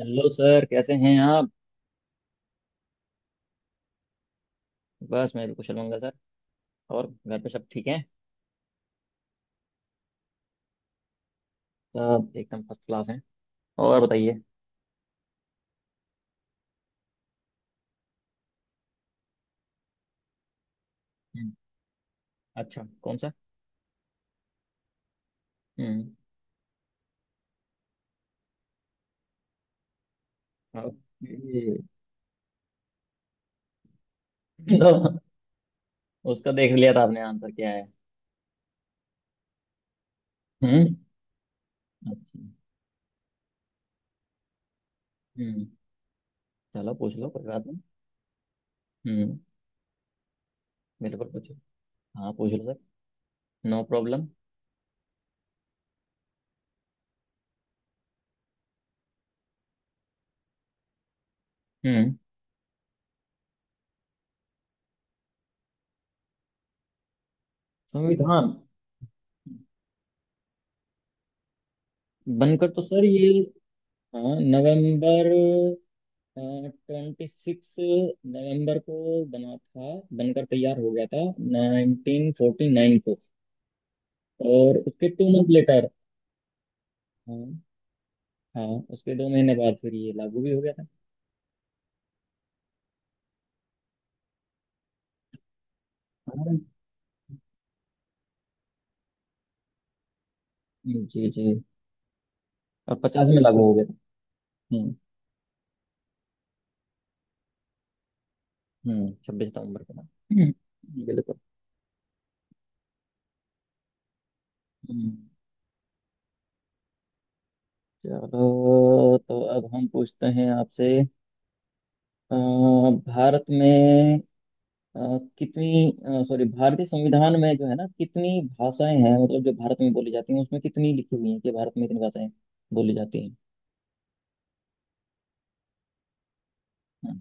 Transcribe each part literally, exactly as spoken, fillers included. Hello sir, कैसे हैं आप? बस मैं भी कुशल मंगल सर। और घर पे सब ठीक है? सब एकदम फर्स्ट क्लास हैं। और बताइए। हम्म, अच्छा कौन सा? हम्म। ओके। तो उसका देख लिया था आपने आंसर क्या है? हम्म। अच्छा। हम्म। चलो पूछ लो, कोई बात नहीं। हम्म। बिल्कुल पूछो। हाँ, पूछ लो सर। No problem. हम्म। संविधान। बनकर तो सर ये। हाँ, नवंबर ट्वेंटी सिक्स नवंबर को बना था, बनकर तैयार हो गया था, नाइनटीन फोर्टी नाइन को। और उसके टू मंथ लेटर। हाँ। हाँ। उसके दो महीने बाद फिर ये लागू भी हो गया था। हाँ। जी जी। और पचास में लागू हो गया था। हम्म। हम्म, छब्बीस नवंबर को ना। हम्म, बिल्कुल। हम्म, चलो तो अब हम पूछते हैं आपसे। अ, भारत में अ, कितनी, सॉरी, भारतीय संविधान में जो है ना, कितनी भाषाएं हैं, मतलब जो भारत में बोली जाती हैं उसमें कितनी लिखी हुई हैं कि भारत में इतनी भाषाएं बोली जाती हैं। हाँ।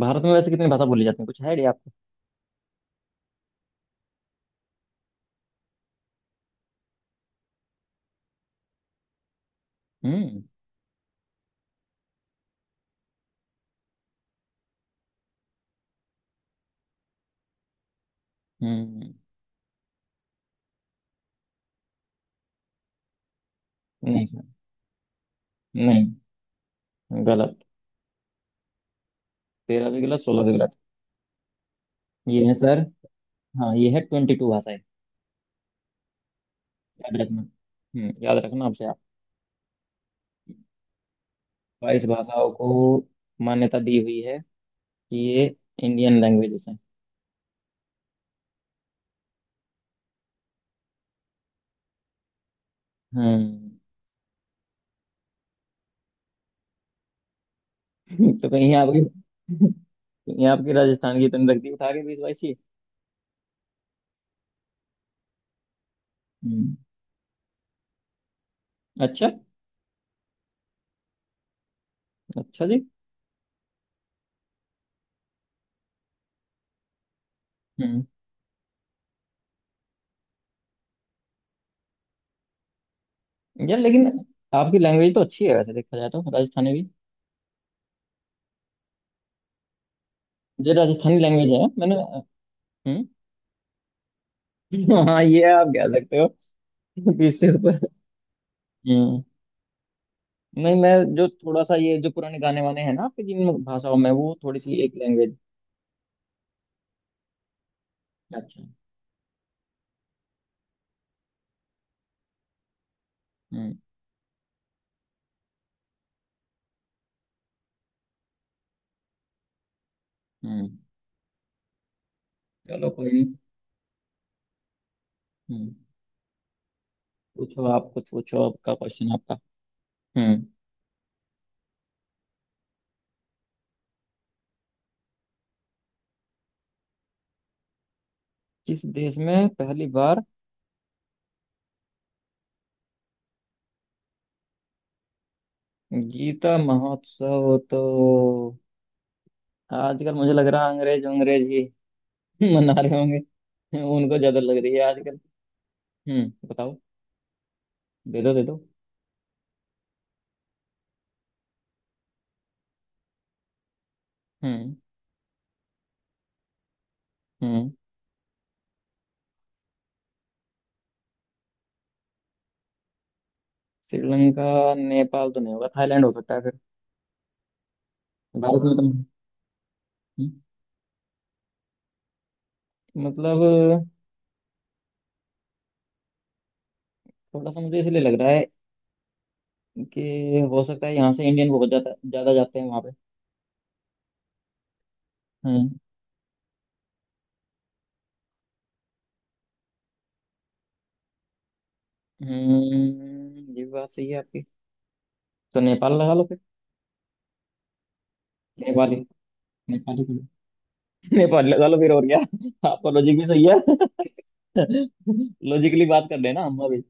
भारत में वैसे कितनी भाषा बोली जाती है, कुछ है आइडिया आपको? हम्म। हम्म। नहीं सर। नहीं। गलत। तेरह भी गलत, सोलह भी गलत। ये है सर। हाँ, ये है ट्वेंटी टू भाषाएं। याद रखना, हम्म, याद रखना आपसे आप। बाईस भाषाओं को मान्यता दी हुई है कि ये इंडियन लैंग्वेजेस हैं। हम्म। तो कहीं आप ये आपकी राजस्थान की तंदुरुस्ती रख दी उठा के बीस बाईस ही। हम्म। अच्छा। अच्छा जी। हम्म। यार, लेकिन आपकी लैंग्वेज तो अच्छी है, वैसे देखा जाए तो राजस्थानी भी। जो राजस्थानी लैंग्वेज है मैंने। हम्म। हाँ, ये आप कह सकते हो। बीस से ऊपर। हम्म। नहीं, मैं जो थोड़ा सा ये जो पुराने गाने वाने हैं ना आपके, जिन भाषाओं में, वो थोड़ी सी एक लैंग्वेज। अच्छा। हम्म। हम्म। चलो, कोई नहीं। हम्म। पूछो आप, कुछ पूछो, आपका क्वेश्चन आपका। हम्म। किस देश में पहली बार? गीता महोत्सव तो आजकल मुझे लग रहा है अंग्रेज अंग्रेज ही मना रहे होंगे। उनको ज्यादा लग रही है आजकल। हम्म, बताओ। दे दो, दे दो। हम्म। हम्म। श्रीलंका। नेपाल तो नहीं होगा, थाईलैंड हो सकता है फिर। भारत में तो। हम्म, मतलब, थोड़ा सा मुझे इसलिए लग रहा है कि हो सकता है यहाँ से इंडियन बहुत ज्यादा ज्यादा जाते हैं वहां पे। हम्म। हम्म, ये बात सही है आपकी। तो नेपाल लगा लो फिर। नेपाली, नेपाली नेपाल लगा लो फिर, और क्या आपका लॉजिक भी सही है। लॉजिकली बात कर लेना हम अभी।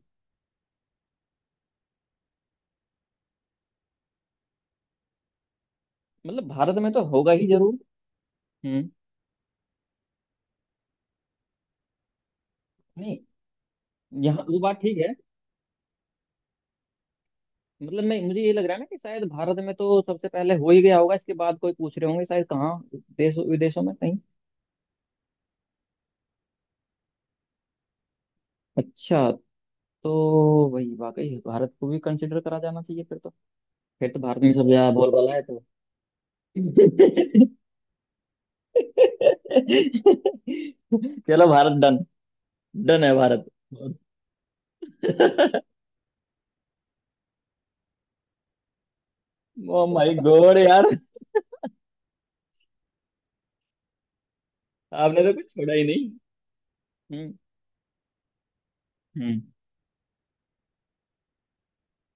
मतलब भारत में तो होगा ही जरूर। हम्म। नहीं, यहाँ वो बात ठीक है। मतलब, मैं मुझे ये लग रहा है ना कि शायद भारत में तो सबसे पहले हो ही गया होगा, इसके बाद कोई पूछ रहे होंगे शायद कहाँ, देश विदेशों में कहीं। अच्छा। तो वही, वाकई भारत को भी कंसिडर करा जाना चाहिए फिर तो। फिर तो भारत में सबसे ज्यादा बोलबाला है तो। चलो, भारत डन। डन है भारत। ओ माय गॉड यार। आपने तो कुछ छोड़ा ही नहीं। हम्म।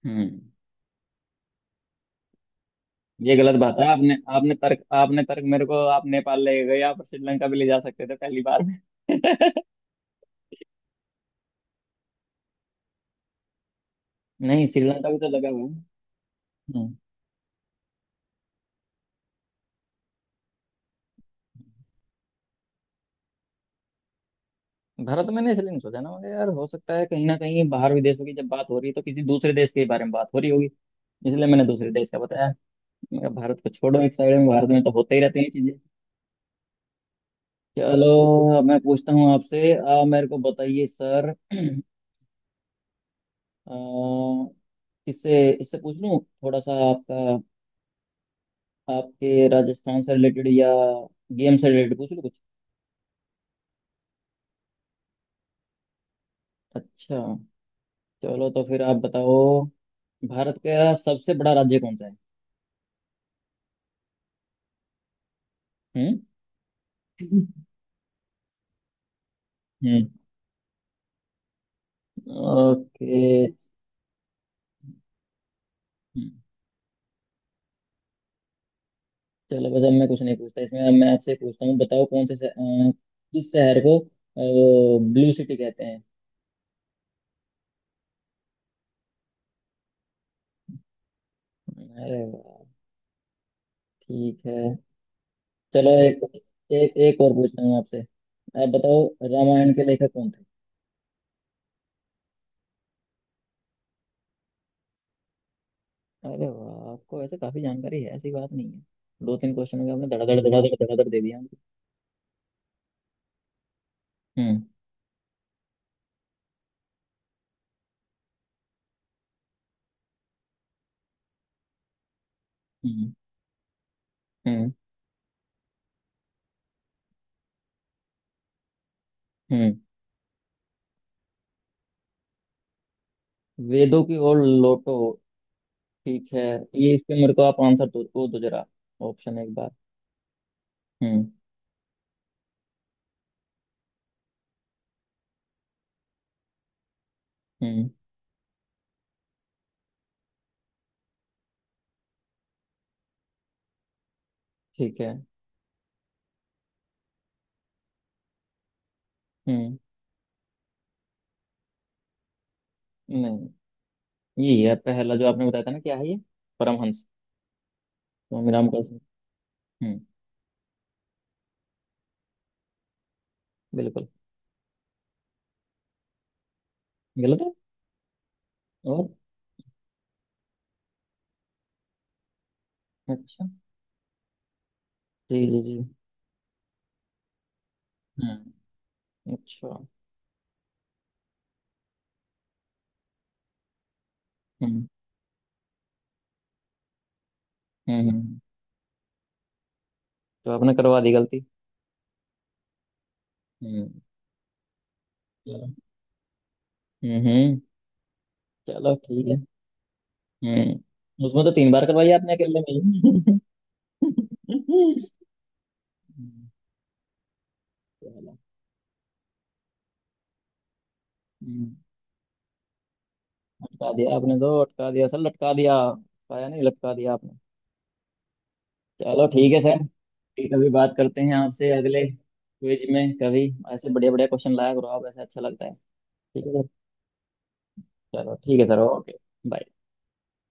हम्म। ये गलत बात है। आपने आपने तर्क आपने तर्क मेरे को, आप नेपाल ले गए, आप श्रीलंका भी ले जा सकते थे पहली बार में। नहीं, श्रीलंका भी तो लगा हुआ है। हम्म, भारत में मैंने इसलिए नहीं सोचा ना, मगर यार हो सकता है कहीं ना कहीं, बाहर विदेशों की जब बात हो रही है तो किसी दूसरे देश के बारे में बात हो रही होगी। इसलिए मैंने दूसरे देश का बताया। मैं कहा, भारत को छोड़ो एक साइड में, भारत में तो होते ही रहते हैं ये चीजें। चलो, अब मैं पूछता हूँ आपसे, आप मेरे को बताइए सर। अ, इससे इससे पूछ लूँ थोड़ा सा आपका। आपके राजस्थान से रिलेटेड या गेम से रिलेटेड पूछ लो कुछ। अच्छा। चलो तो फिर आप बताओ, भारत का सबसे बड़ा राज्य कौन सा है? हम्म। हम्म। ओके। हम्म, चलो, बस अब मैं कुछ नहीं पूछता इसमें, अब मैं आपसे पूछता हूँ, बताओ कौन से शह- अ, किस शहर को ब्लू सिटी कहते हैं? अरे वाह। ठीक है। चलो, एक एक एक और पूछता हूँ आपसे। आप बताओ, रामायण के लेखक कौन थे? अरे वाह, आपको वैसे काफी जानकारी है, ऐसी बात नहीं है। दो तीन क्वेश्चन में आपने धड़ाधड़ धड़ाधड़ धड़ाधड़ दे दिया हमको। हम्म। हम्म। हम्म। हम्म। वेदों की ओर लौटो। ठीक है। ये, इसके मेरे को आप आंसर दो, वो दो जरा। ऑप्शन एक बार। हम्म। हम्म। ठीक है। हम्म। नहीं। ये है पहला जो आपने बताया था ना, क्या है ये? परमहंस। स्वामी रामकृष्ण। हम्म। बिल्कुल। गलत है। और। अच्छा। जी जी जी। हम्म। अच्छा। हम्म। हम्म। हम्म। तो आपने करवा दी गलती। हम्म। चलो। हम्म। हम्म। चलो ठीक है। हम्म, उसमें तो तीन बार करवाई आपने अकेले में ही। हम्म, चलो। हम्म, अटका दिया आपने, तो अटका दिया सर, लटका दिया, अटकाया नहीं, लटका दिया आपने। चलो ठीक है सर। ठीक है, अभी बात करते हैं आपसे अगले क्विज में कभी। ऐसे बढ़िया बढ़िया क्वेश्चन लाया करो आप, ऐसे अच्छा लगता है। ठीक है। सर, चलो ठीक है सर, ओके। बाय।